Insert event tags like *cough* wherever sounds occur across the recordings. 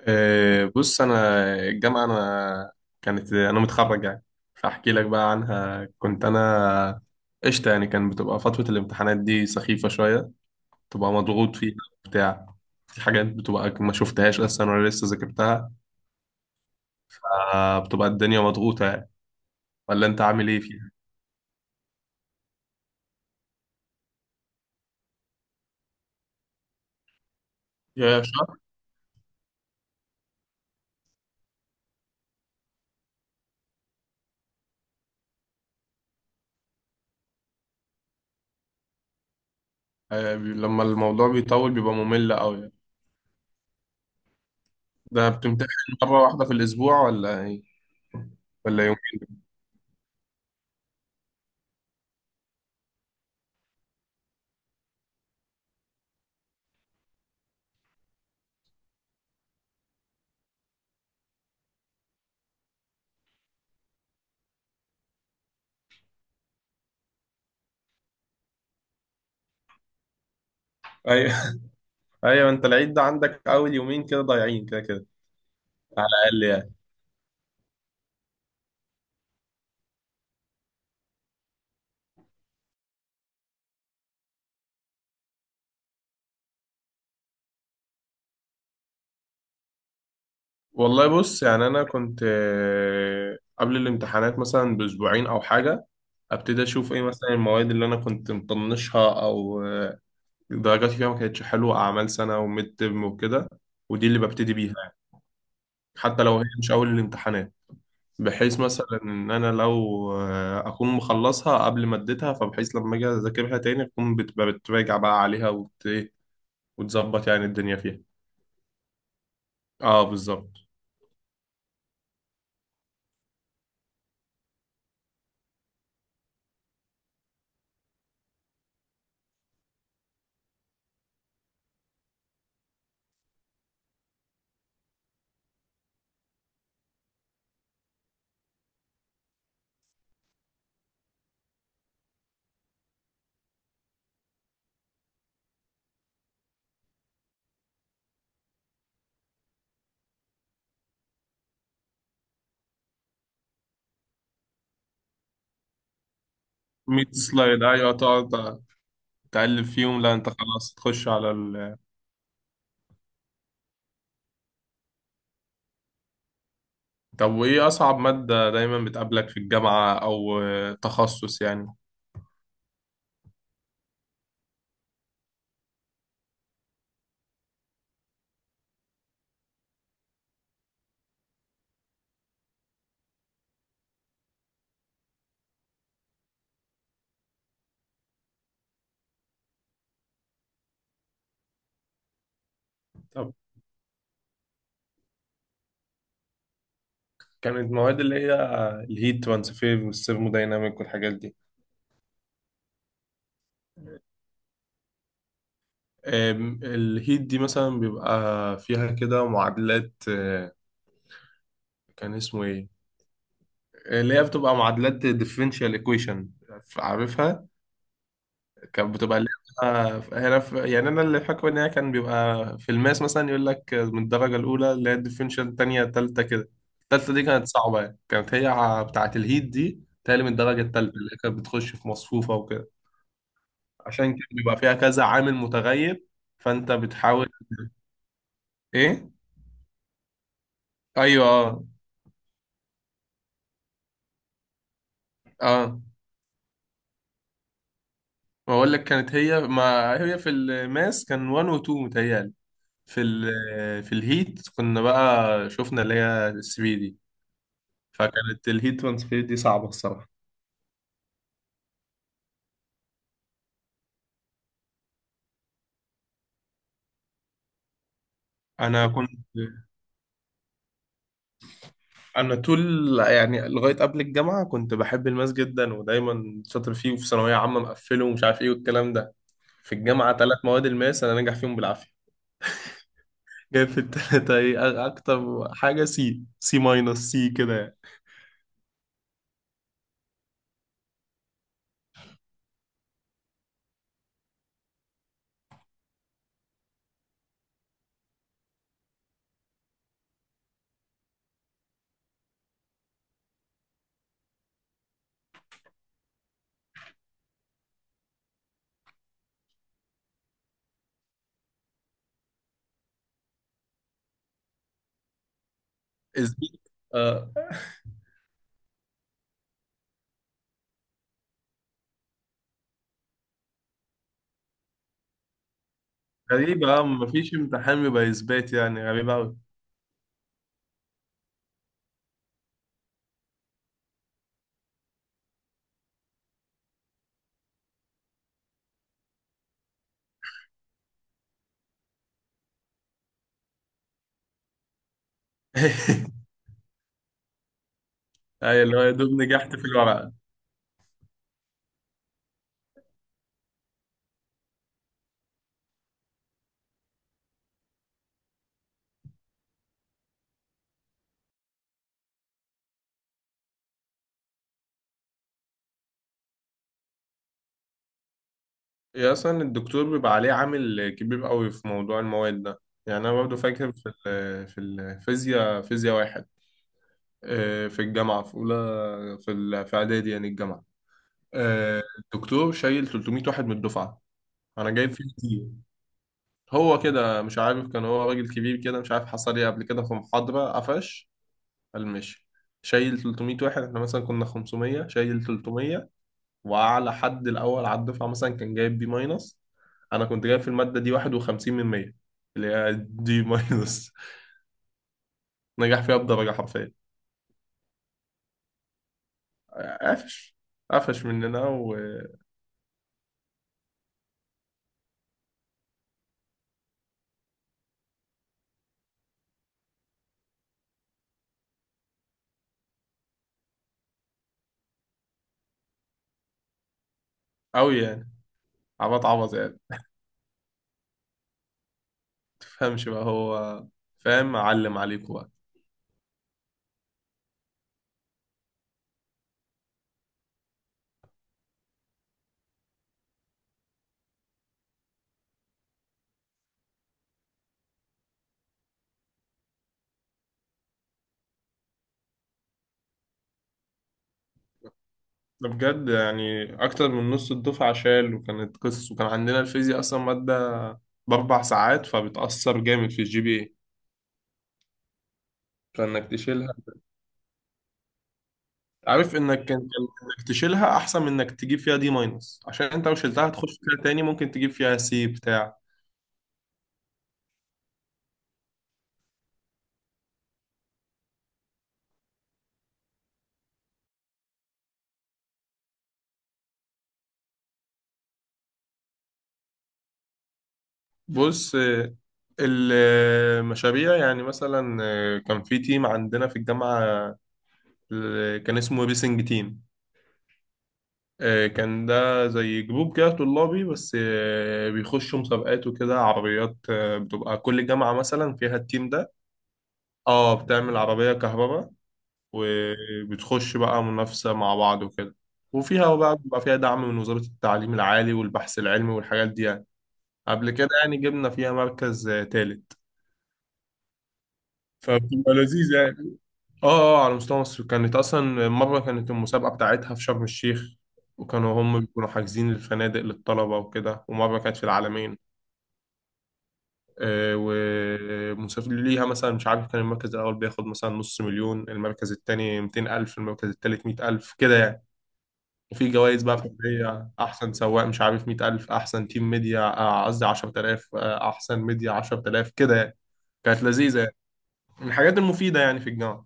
أه، بص. انا الجامعه انا كانت انا متخرج يعني. فاحكي لك بقى عنها. كنت انا قشطه يعني. كان بتبقى فتره الامتحانات دي سخيفه شويه، بتبقى مضغوط فيها، بتاع في حاجات بتبقى ما شفتهاش اصلا ولا لسه ذاكرتها. آه، بتبقى الدنيا مضغوطه يعني. ولا انت عامل ايه فيها؟ يا شهر؟ لما الموضوع بيطول بيبقى ممل قوي يعني. ده بتمتحن مرة واحدة في الأسبوع ولا إيه؟ ولا يوم؟ ايوه. *laughs* ايوه، انت العيد ده عندك اول يومين كده ضايعين كده كده، على الاقل يعني. والله بص، يعني انا كنت، قبل الامتحانات مثلا باسبوعين او حاجه ابتدي اشوف ايه مثلا المواد اللي انا كنت مطنشها، او درجاتي فيها ما كانتش حلوه، اعمال سنه وميد ترم وكده، ودي اللي ببتدي بيها يعني، حتى لو هي مش اول الامتحانات، بحيث مثلا ان انا لو اكون مخلصها قبل ما اديتها، فبحيث لما اجي اذاكرها تاني اكون بتراجع بقى عليها، وت- إيه، وتظبط يعني الدنيا فيها. اه بالظبط. 100 سلايد، ايوه تقعد تقلب فيهم. لا انت خلاص تخش على طب وايه اصعب مادة دايما بتقابلك في الجامعة، او تخصص يعني؟ طب، كانت مواد اللي هي الهيت ترانسفير والثيرمودايناميك والحاجات دي. الهيت دي مثلا بيبقى فيها كده معادلات، كان اسمه ايه، اللي هي بتبقى معادلات differential equation، عارفها. كانت بتبقى اللعبة هنا في، يعني أنا اللي فاكره إن هي كان بيبقى في الماس مثلا يقول لك من الدرجة الأولى اللي هي الديفرنشال، التانية، التالتة كده. التالتة دي كانت صعبة، يعني كانت هي بتاعة الهيت دي تالي من الدرجة التالتة، اللي هي كانت بتخش في مصفوفة وكده. عشان كده بيبقى فيها كذا عامل متغير، فأنت بتحاول. إيه؟ أيوه. أه. أه. بقول لك كانت هي، ما هي في الماس كان 1 و 2 متهيألي، في ال في الهيت كنا بقى شفنا اللي هي 3 دي. فكانت الهيت ترانسفير دي صعبة الصراحة. أنا كنت أنا طول يعني لغاية قبل الجامعة كنت بحب الماس جدا، ودايما شاطر فيه، وفي ثانوية عامة مقفله، ومش عارف إيه والكلام ده. في الجامعة ثلاث مواد الماس أنا ناجح فيهم بالعافية. جايب في التلاتة إيه، أكتر حاجة سي سي ماينس سي كده يعني. إثبات. آه. غريبة، مفيش امتحان بيبقى إثبات يعني، غريبة أوي. *laughs* أيوة، اللي هو يا دوب نجحت في الورقة. هي أصلا الدكتور بيبقى عليه عامل كبير قوي في موضوع المواد ده يعني. أنا برضو فاكر في الفيزياء، فيزياء واحد، في الجامعة في أولى، في إعدادي يعني الجامعة. الدكتور شايل 300 واحد من الدفعة. أنا جايب فيه كتير. هو كده مش عارف، كان هو راجل كبير كده، مش عارف حصل إيه قبل كده في محاضرة قفش. قال ماشي، شايل 300 واحد. احنا مثلا كنا 500، شايل 300. واعلى حد الاول على الدفعه مثلا كان جايب بي ماينس. انا كنت جايب في الماده دي 51 من 100، اللي هي دي ماينس. *laughs* نجح فيها بدرجه حرفيا. قفش. قفش مننا وقوي يعني. عبط عبط يعني. تفهمش بقى، هو فاهم، علم عليكوا بقى. ده بجد يعني، اكتر من نص الدفعه شال، وكانت قصص. وكان عندنا الفيزياء اصلا ماده باربع ساعات، فبتاثر جامد في الجي بي اي، فانك تشيلها. عارف انك، كان كان انك تشيلها احسن من انك تجيب فيها دي ماينس، عشان انت لو شلتها هتخش فيها تاني، ممكن تجيب فيها سي بتاع. بص، المشاريع يعني مثلا، كان في تيم عندنا في الجامعة، كان اسمه ريسنج تيم. كان ده زي جروب كده طلابي، بس بيخشوا مسابقات وكده، عربيات بتبقى كل جامعة مثلا فيها التيم ده. اه بتعمل عربية كهرباء، وبتخش بقى منافسة مع بعض وكده، وفيها بقى بيبقى فيها دعم من وزارة التعليم العالي والبحث العلمي والحاجات دي يعني. قبل كده يعني جبنا فيها مركز تالت، فبتبقى لذيذة يعني. اه اه، على مستوى مصر. كانت أصلا مرة كانت المسابقة بتاعتها في شرم الشيخ، وكانوا هم بيكونوا حاجزين الفنادق للطلبة وكده، ومرة كانت في العالمين. ومسافر ليها مثلا، مش عارف كان المركز الأول بياخد مثلا نص مليون، المركز التاني 200 ألف، المركز التالت 100 ألف كده يعني. وفي جوائز بقى فردية، أحسن سواق مش عارف مية ألف، أحسن تيم ميديا، قصدي عشرة آلاف، أحسن ميديا عشرة آلاف كده يعني. كانت لذيذة يعني، من الحاجات المفيدة يعني في الجامعة.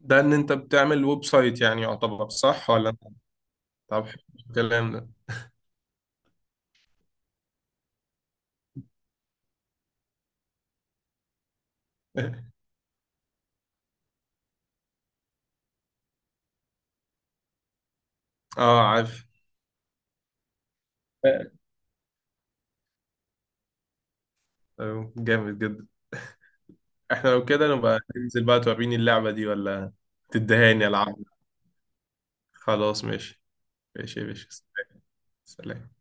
ده إن أنت بتعمل ويب سايت، يعني يعتبر صح ولا أنت؟ طب حلو الكلام ده. *laughs* أه عارف. أيوه، جامد جدا. إحنا لو كده نبقى ننزل بقى، توريني اللعبة دي ولا تدهاني ألعب؟ خلاص ماشي. ماشي يا باشا. سلام.